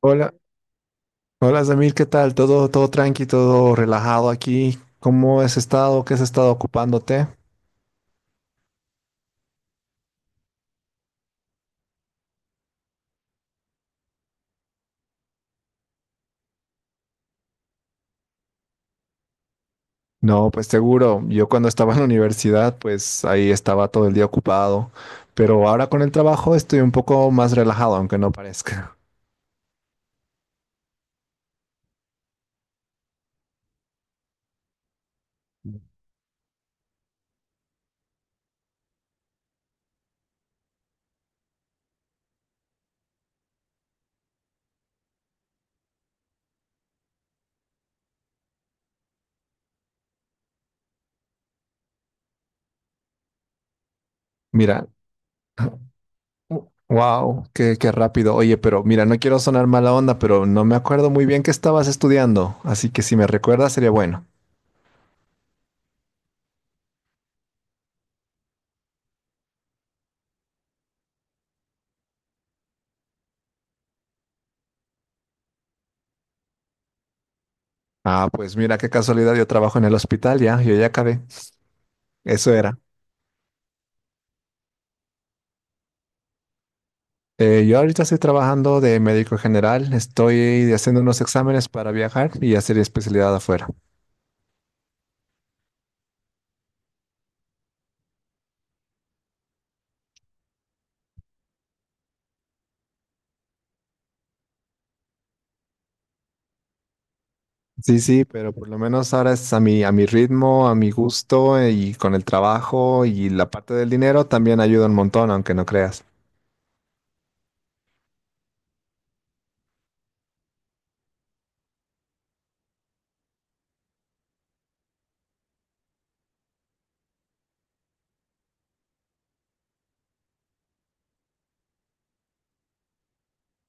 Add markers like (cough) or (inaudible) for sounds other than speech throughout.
Hola, hola Samir, ¿qué tal? Todo tranqui, todo relajado aquí. ¿Cómo has estado? ¿Qué has estado ocupándote? No, pues seguro. Yo cuando estaba en la universidad, pues ahí estaba todo el día ocupado. Pero ahora con el trabajo estoy un poco más relajado, aunque no parezca. Mira, wow, qué rápido. Oye, pero mira, no quiero sonar mala onda, pero no me acuerdo muy bien qué estabas estudiando. Así que si me recuerdas, sería bueno. Ah, pues mira qué casualidad, yo trabajo en el hospital ya, yo ya acabé. Eso era. Yo ahorita estoy trabajando de médico general, estoy haciendo unos exámenes para viajar y hacer especialidad afuera. Sí, sí, pero por lo menos ahora es a mi ritmo, a mi gusto, y con el trabajo y la parte del dinero también ayuda un montón, aunque no creas.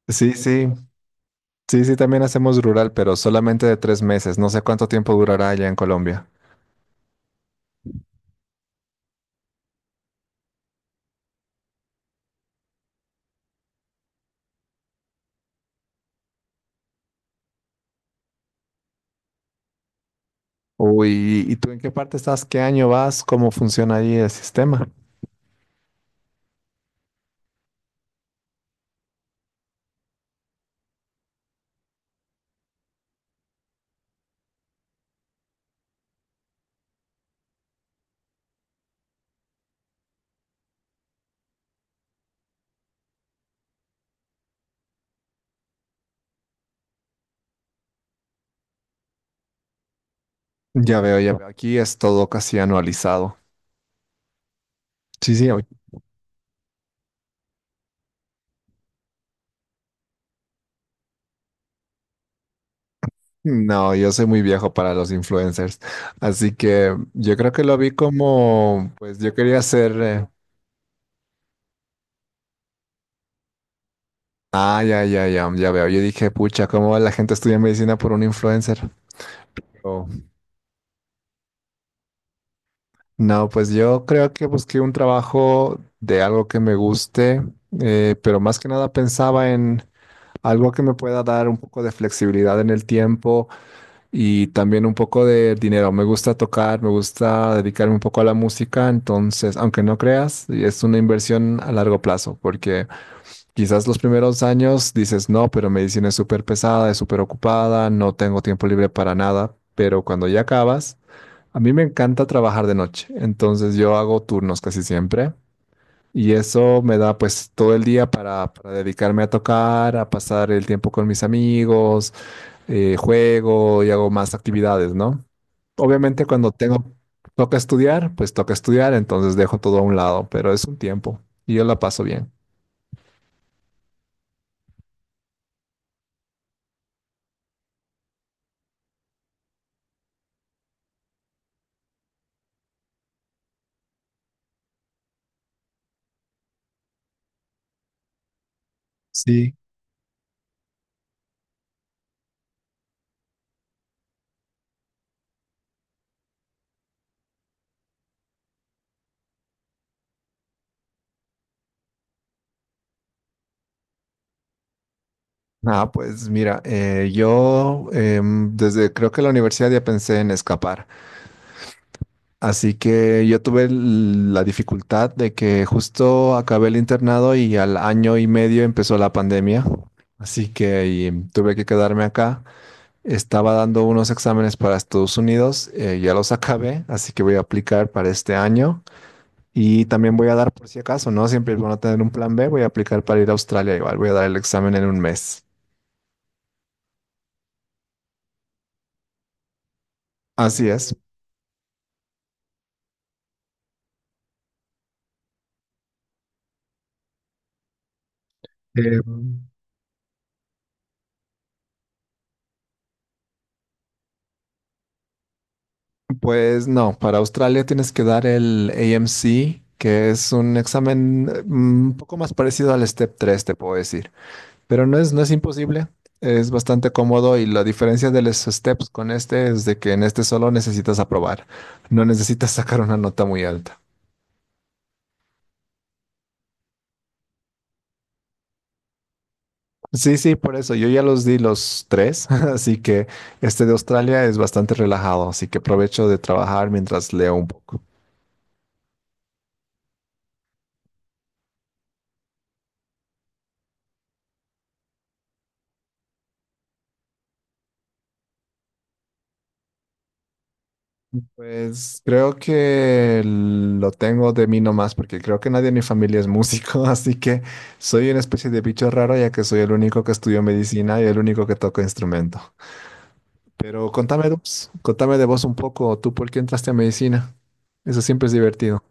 Sí, sí. Sí, sí, también hacemos rural, pero solamente de tres meses. No sé cuánto tiempo durará allá en Colombia. Uy, ¿y tú en qué parte estás? ¿Qué año vas? ¿Cómo funciona ahí el sistema? Ya veo, ya veo. Aquí es todo casi anualizado. Sí, sí. Oye. No, yo soy muy viejo para los influencers. Así que yo creo que lo vi como, pues yo quería ser. Ah, ya, ya, ya, ya veo. Yo dije, pucha, ¿cómo la gente estudia medicina por un influencer? Oh. No, pues yo creo que busqué un trabajo de algo que me guste, pero más que nada pensaba en algo que me pueda dar un poco de flexibilidad en el tiempo y también un poco de dinero. Me gusta tocar, me gusta dedicarme un poco a la música, entonces, aunque no creas, es una inversión a largo plazo, porque quizás los primeros años dices, no, pero medicina es súper pesada, es súper ocupada, no tengo tiempo libre para nada, pero cuando ya acabas, a mí me encanta trabajar de noche, entonces yo hago turnos casi siempre y eso me da pues todo el día para, dedicarme a tocar, a pasar el tiempo con mis amigos, juego y hago más actividades, ¿no? Obviamente cuando tengo, toca estudiar, pues toca estudiar, entonces dejo todo a un lado, pero es un tiempo y yo la paso bien. Sí. Ah, pues mira, yo desde creo que la universidad ya pensé en escapar. Así que yo tuve la dificultad de que justo acabé el internado y al año y medio empezó la pandemia. Así que tuve que quedarme acá. Estaba dando unos exámenes para Estados Unidos, ya los acabé, así que voy a aplicar para este año. Y también voy a dar por si acaso, ¿no? Siempre es bueno tener un plan B, voy a aplicar para ir a Australia igual, voy a dar el examen en un mes. Así es. Eh, pues no, para Australia tienes que dar el AMC, que es un examen, un poco más parecido al Step 3, te puedo decir. Pero no es imposible, es bastante cómodo, y la diferencia de los Steps con este es de que en este solo necesitas aprobar, no necesitas (laughs) sacar una nota muy alta. Sí, sí, por eso. Yo ya los di los tres, (laughs) así que este de Australia es bastante relajado, así que aprovecho de trabajar mientras leo un poco. Pues creo que lo tengo de mí nomás, porque creo que nadie en mi familia es músico, (laughs) así que soy una especie de bicho raro, ya que soy el único que estudió medicina y el único que toca instrumento. Pero contame de vos un poco, ¿tú por qué entraste a medicina? Eso siempre es divertido.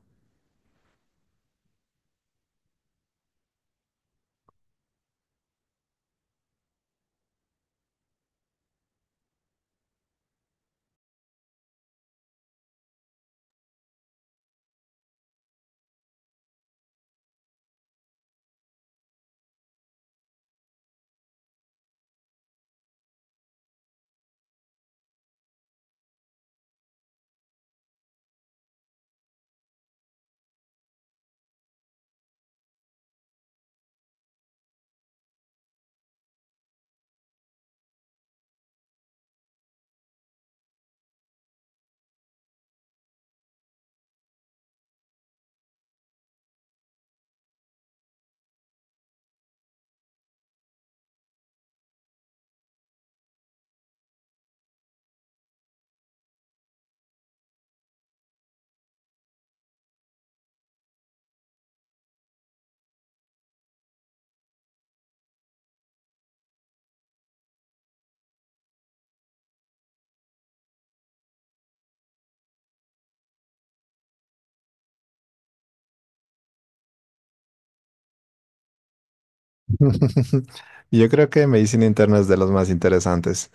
(laughs) Yo creo que medicina interna es de los más interesantes.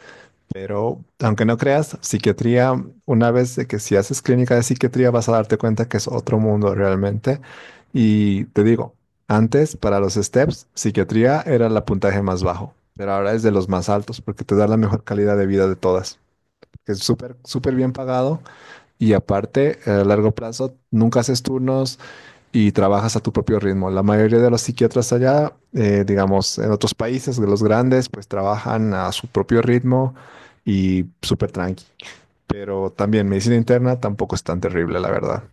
Pero aunque no creas, psiquiatría, una vez de que si haces clínica de psiquiatría vas a darte cuenta que es otro mundo realmente. Y te digo, antes para los STEPS, psiquiatría era el puntaje más bajo, pero ahora es de los más altos porque te da la mejor calidad de vida de todas. Es súper, súper bien pagado y aparte, a largo plazo, nunca haces turnos, y trabajas a tu propio ritmo. La mayoría de los psiquiatras allá, digamos, en otros países, de los grandes, pues trabajan a su propio ritmo y súper tranqui. Pero también medicina interna tampoco es tan terrible, la verdad.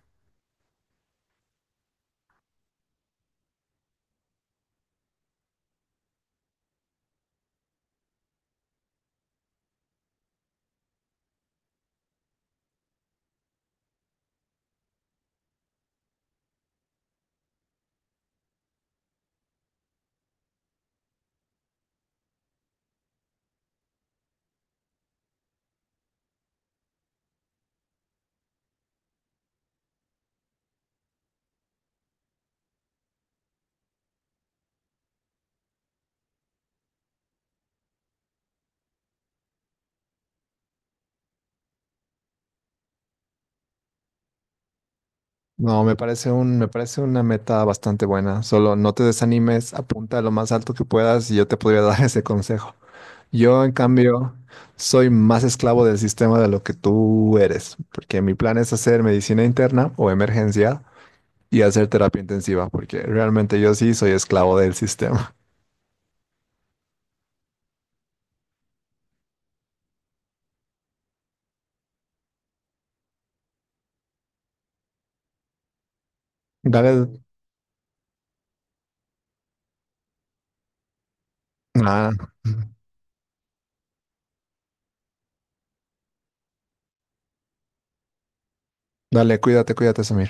No, me parece una meta bastante buena. Solo no te desanimes, apunta lo más alto que puedas y yo te podría (laughs) dar ese consejo. Yo, en cambio, soy más esclavo del sistema de lo que tú eres, porque mi plan es hacer medicina interna o emergencia y hacer terapia intensiva, porque realmente yo sí soy esclavo del sistema. (laughs) Dale, nada, dale, cuídate, cuídate, Samir.